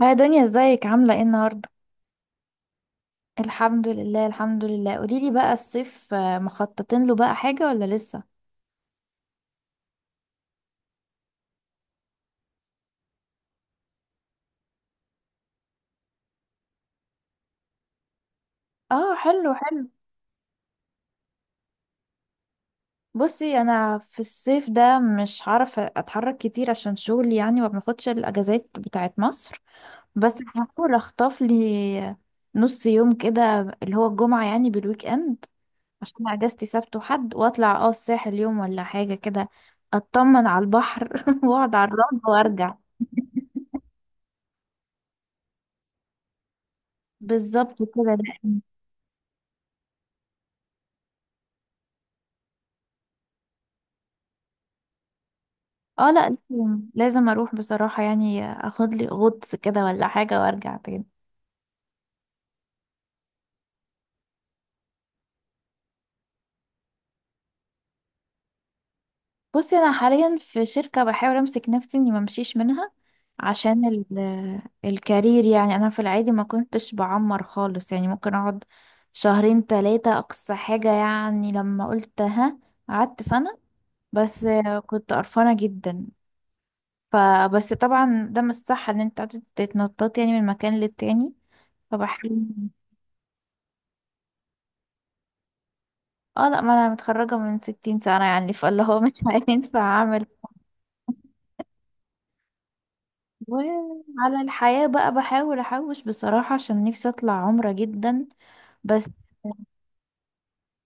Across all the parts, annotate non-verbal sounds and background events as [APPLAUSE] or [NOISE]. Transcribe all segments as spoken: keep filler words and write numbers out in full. هاي دنيا، ازيك عاملة ايه النهاردة؟ الحمد لله، الحمد لله. قوليلي بقى الصيف آه، مخططين له بقى حاجة ولا لسه؟ اه، حلو حلو. بصي، انا في الصيف ده مش هعرف اتحرك كتير عشان شغلي، يعني ما بناخدش الاجازات بتاعت مصر. بس هحاول اخطف لي نص يوم كده، اللي هو الجمعة يعني بالويك اند. عشان اجازتي سبت وحد، واطلع اه الساحل يوم ولا حاجة كده. اطمن على البحر [LAUGHS] واقعد على الرمل وارجع. بالظبط كده. لا، اه، لا لازم لازم اروح بصراحة، يعني اخد لي غطس كده ولا حاجة وارجع تاني. بصي، انا حاليا في شركة، بحاول امسك نفسي اني ما امشيش منها عشان ال- الكارير، يعني انا في العادي ما كنتش بعمر خالص، يعني ممكن اقعد شهرين ثلاثة اقصى حاجة، يعني لما قلت ها قعدت سنة. بس كنت قرفانة جدا، فبس طبعا ده مش صح ان انت قاعدة تتنططي يعني من مكان للتاني، فبحاول. اه، لا ما انا متخرجة من ستين سنة يعني، فاللي هو [LAUGHS] مش هينفع اعمل. وعلى الحياة بقى بحاول احوش بصراحة عشان نفسي اطلع عمرة جدا، بس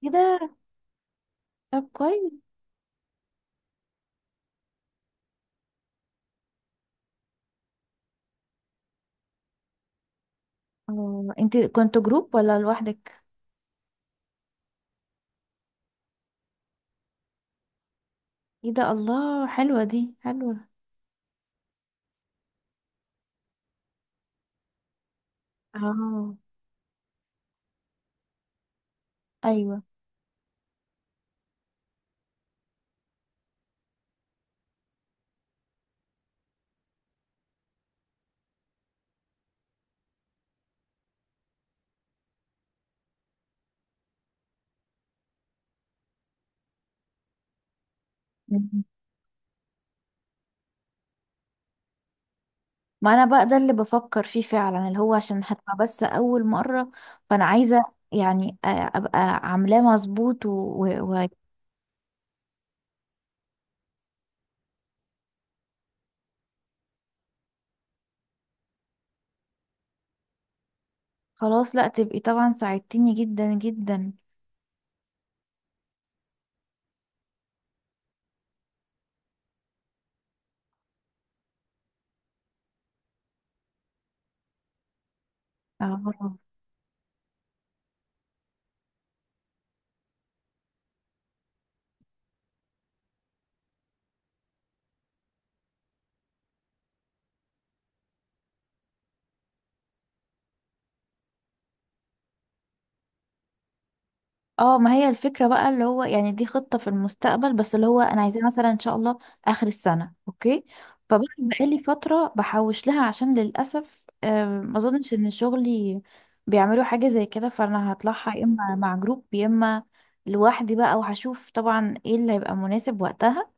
كده. طب كويس. اه، انت كنت جروب ولا لوحدك؟ ايه ده، الله، حلوة دي حلوة. اه، ايوه، مم. ما انا بقى ده اللي بفكر فيه فعلا، اللي هو عشان هتبقى بس اول مرة، فانا عايزة يعني أ- ابقى عاملاه مظبوط و... و... و... خلاص، لا تبقي طبعا ساعدتيني جدا جدا. اه، اه، ما هي الفكرة بقى، اللي هو يعني دي خطة في المستقبل، بس اللي هو انا عايزاه مثلا ان شاء الله اخر السنة، اوكي. فبقى بقالي فترة بحوش لها عشان للأسف آه، ما اظنش ان شغلي بيعملوا حاجة زي كده، فانا هطلعها يا اما مع جروب يا اما لوحدي بقى، وهشوف طبعا ايه اللي هيبقى مناسب وقتها.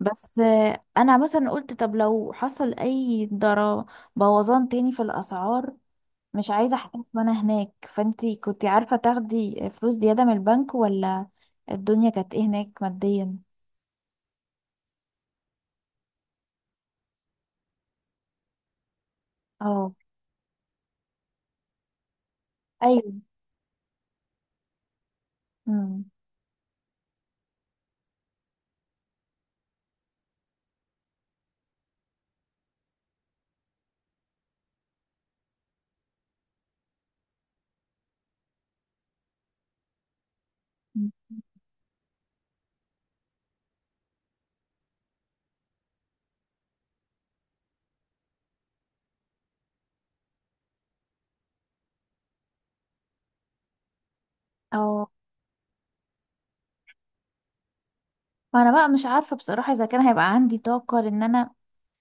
بس آه، انا مثلا قلت طب لو حصل اي ضرر، بوظان تاني في الاسعار، مش عايزة احتاس وانا هناك، فانتي كنتي عارفة تاخدي فلوس زيادة من البنك، ولا الدنيا كانت ايه هناك ماديا؟ اه، ايوه، امم. اه، انا بقى مش عارفة بصراحة اذا كان هيبقى عندي طاقة، لان انا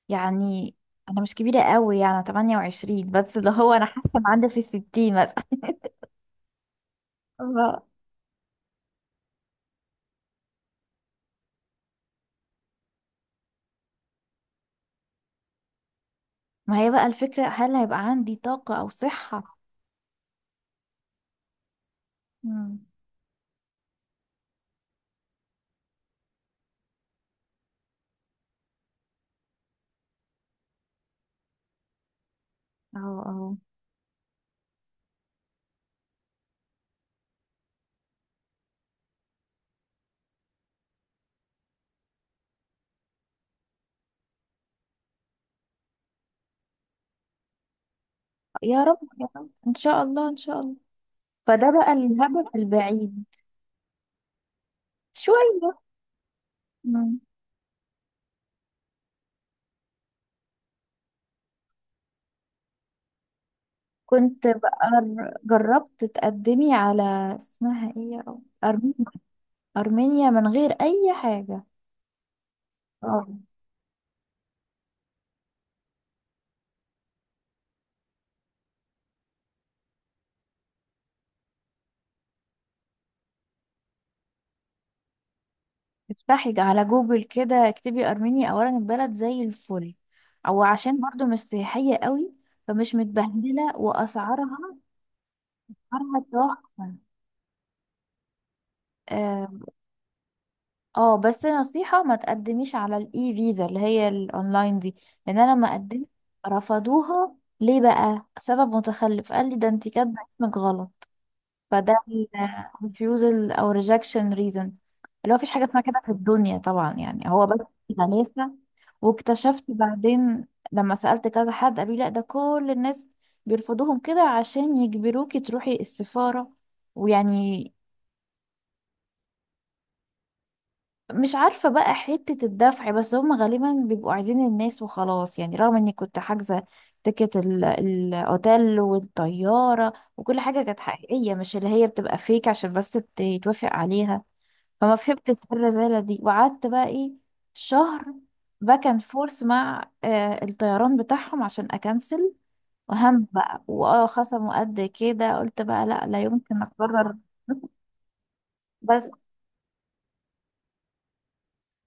يعني انا مش كبيرة قوي، يعني تمنية وعشرين، بس اللي هو انا حاسة ان عندي في الستين مثلا [LAUGHS] الله. ما هي بقى الفكرة، هل هيبقى عندي طاقة او صحة؟ امم، اه، اه، يا رب يا رب، ان شاء الله، ان شاء الله. فده بقى الهدف البعيد شوية. مم. كنت بقى جربت تقدمي على، اسمها ايه، يا رب، أرمينيا؟ أرمينيا من غير أي حاجة. اه، افتحي على جوجل كده، اكتبي أرمينيا، أولا البلد زي الفل، أو عشان برضو مش سياحية قوي، فمش متبهدلة، وأسعارها أسعارها تحفة. آه، اه بس نصيحة ما تقدميش على الاي فيزا اللي هي الاونلاين دي، لان انا لما قدمت رفضوها. ليه بقى؟ سبب متخلف قال لي ده انت كاتبه اسمك غلط. فده الريفيوزل او ريجكشن ريزن، اللي هو مفيش حاجة اسمها كده في الدنيا طبعا، يعني هو بس غلاسة. واكتشفت بعدين لما سألت كذا حد، قالوا لي لا ده كل الناس بيرفضوهم كده عشان يجبروكي تروحي السفارة، ويعني، مش عارفة بقى حتة الدفع، بس هم غالبا بيبقوا عايزين الناس وخلاص، يعني رغم اني كنت حاجزة تيكت ال- الاوتيل والطيارة وكل حاجة كانت حقيقية، مش اللي هي بتبقى فيك عشان بس ت- يتوافق عليها. فما فهمت الرزالة دي، وقعدت بقى ايه شهر باك اند فورث مع آه، الطيران بتاعهم عشان اكنسل، وهم بقى واه خصموا قد كده، قلت بقى لا لا يمكن اقرر [LAUGHS] بس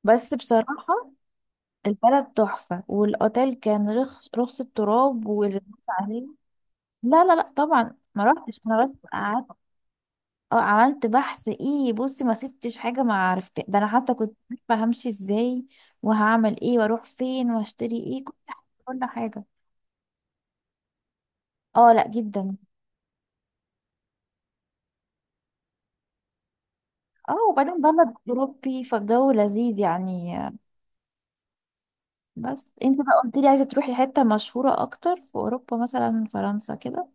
بس بصراحة، البلد تحفة، والأوتيل كان رخص رخص التراب، والرخص عليه. لا لا لا طبعا ما رحتش أنا، بس قعدت. اه، عملت بحث، ايه، بصي ما سبتش حاجة، ما عرفت، ده أنا حتى كنت عارفة همشي ازاي، وهعمل ايه، واروح فين، واشتري ايه، كل حاجة، كل حاجة. اه، لا جدا. اه، وبعدين بلد أوروبي، فالجو لذيذ يعني. بس انت بقى قلت لي عايزة تروحي حتة مشهورة أكتر في أوروبا، مثلا فرنسا كده.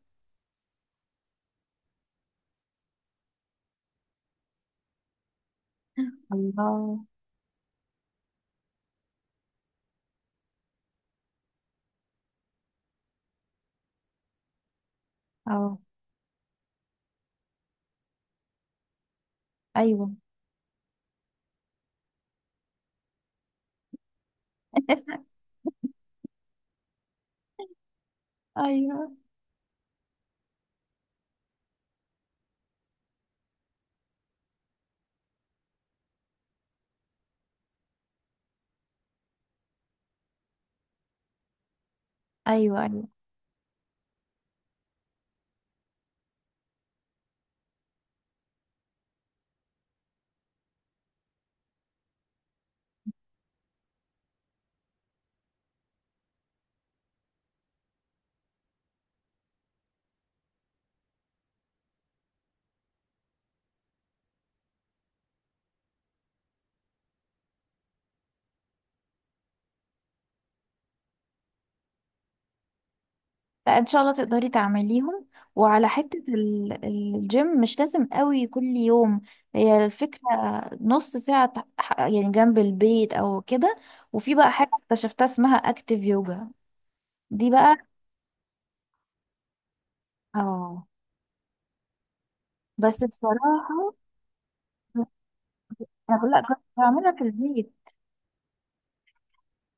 الله. اه، أيوه، ايوه، ايوه، ايوه. لا، ان شاء الله تقدري تعمليهم. وعلى حتة ال- ال- الجيم، مش لازم قوي كل يوم، هي الفكرة نص ساعة تح- ح- يعني جنب البيت او كده. وفي بقى حاجة اكتشفتها اسمها اكتيف يوجا، دي بقى، اه بس بصراحة انا كنت، لا، كنت بعملها في البيت.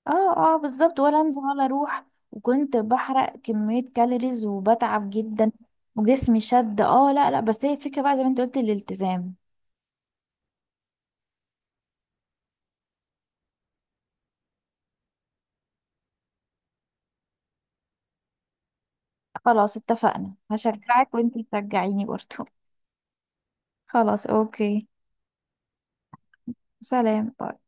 اه، اه، بالظبط، ولا انزل ولا اروح، وكنت بحرق كمية كالوريز وبتعب جدا، وجسمي شد. اه، لا لا بس هي الفكرة بقى زي ما انت قلت الالتزام. خلاص اتفقنا، هشجعك وانتي تشجعيني برضو. خلاص، اوكي، سلام.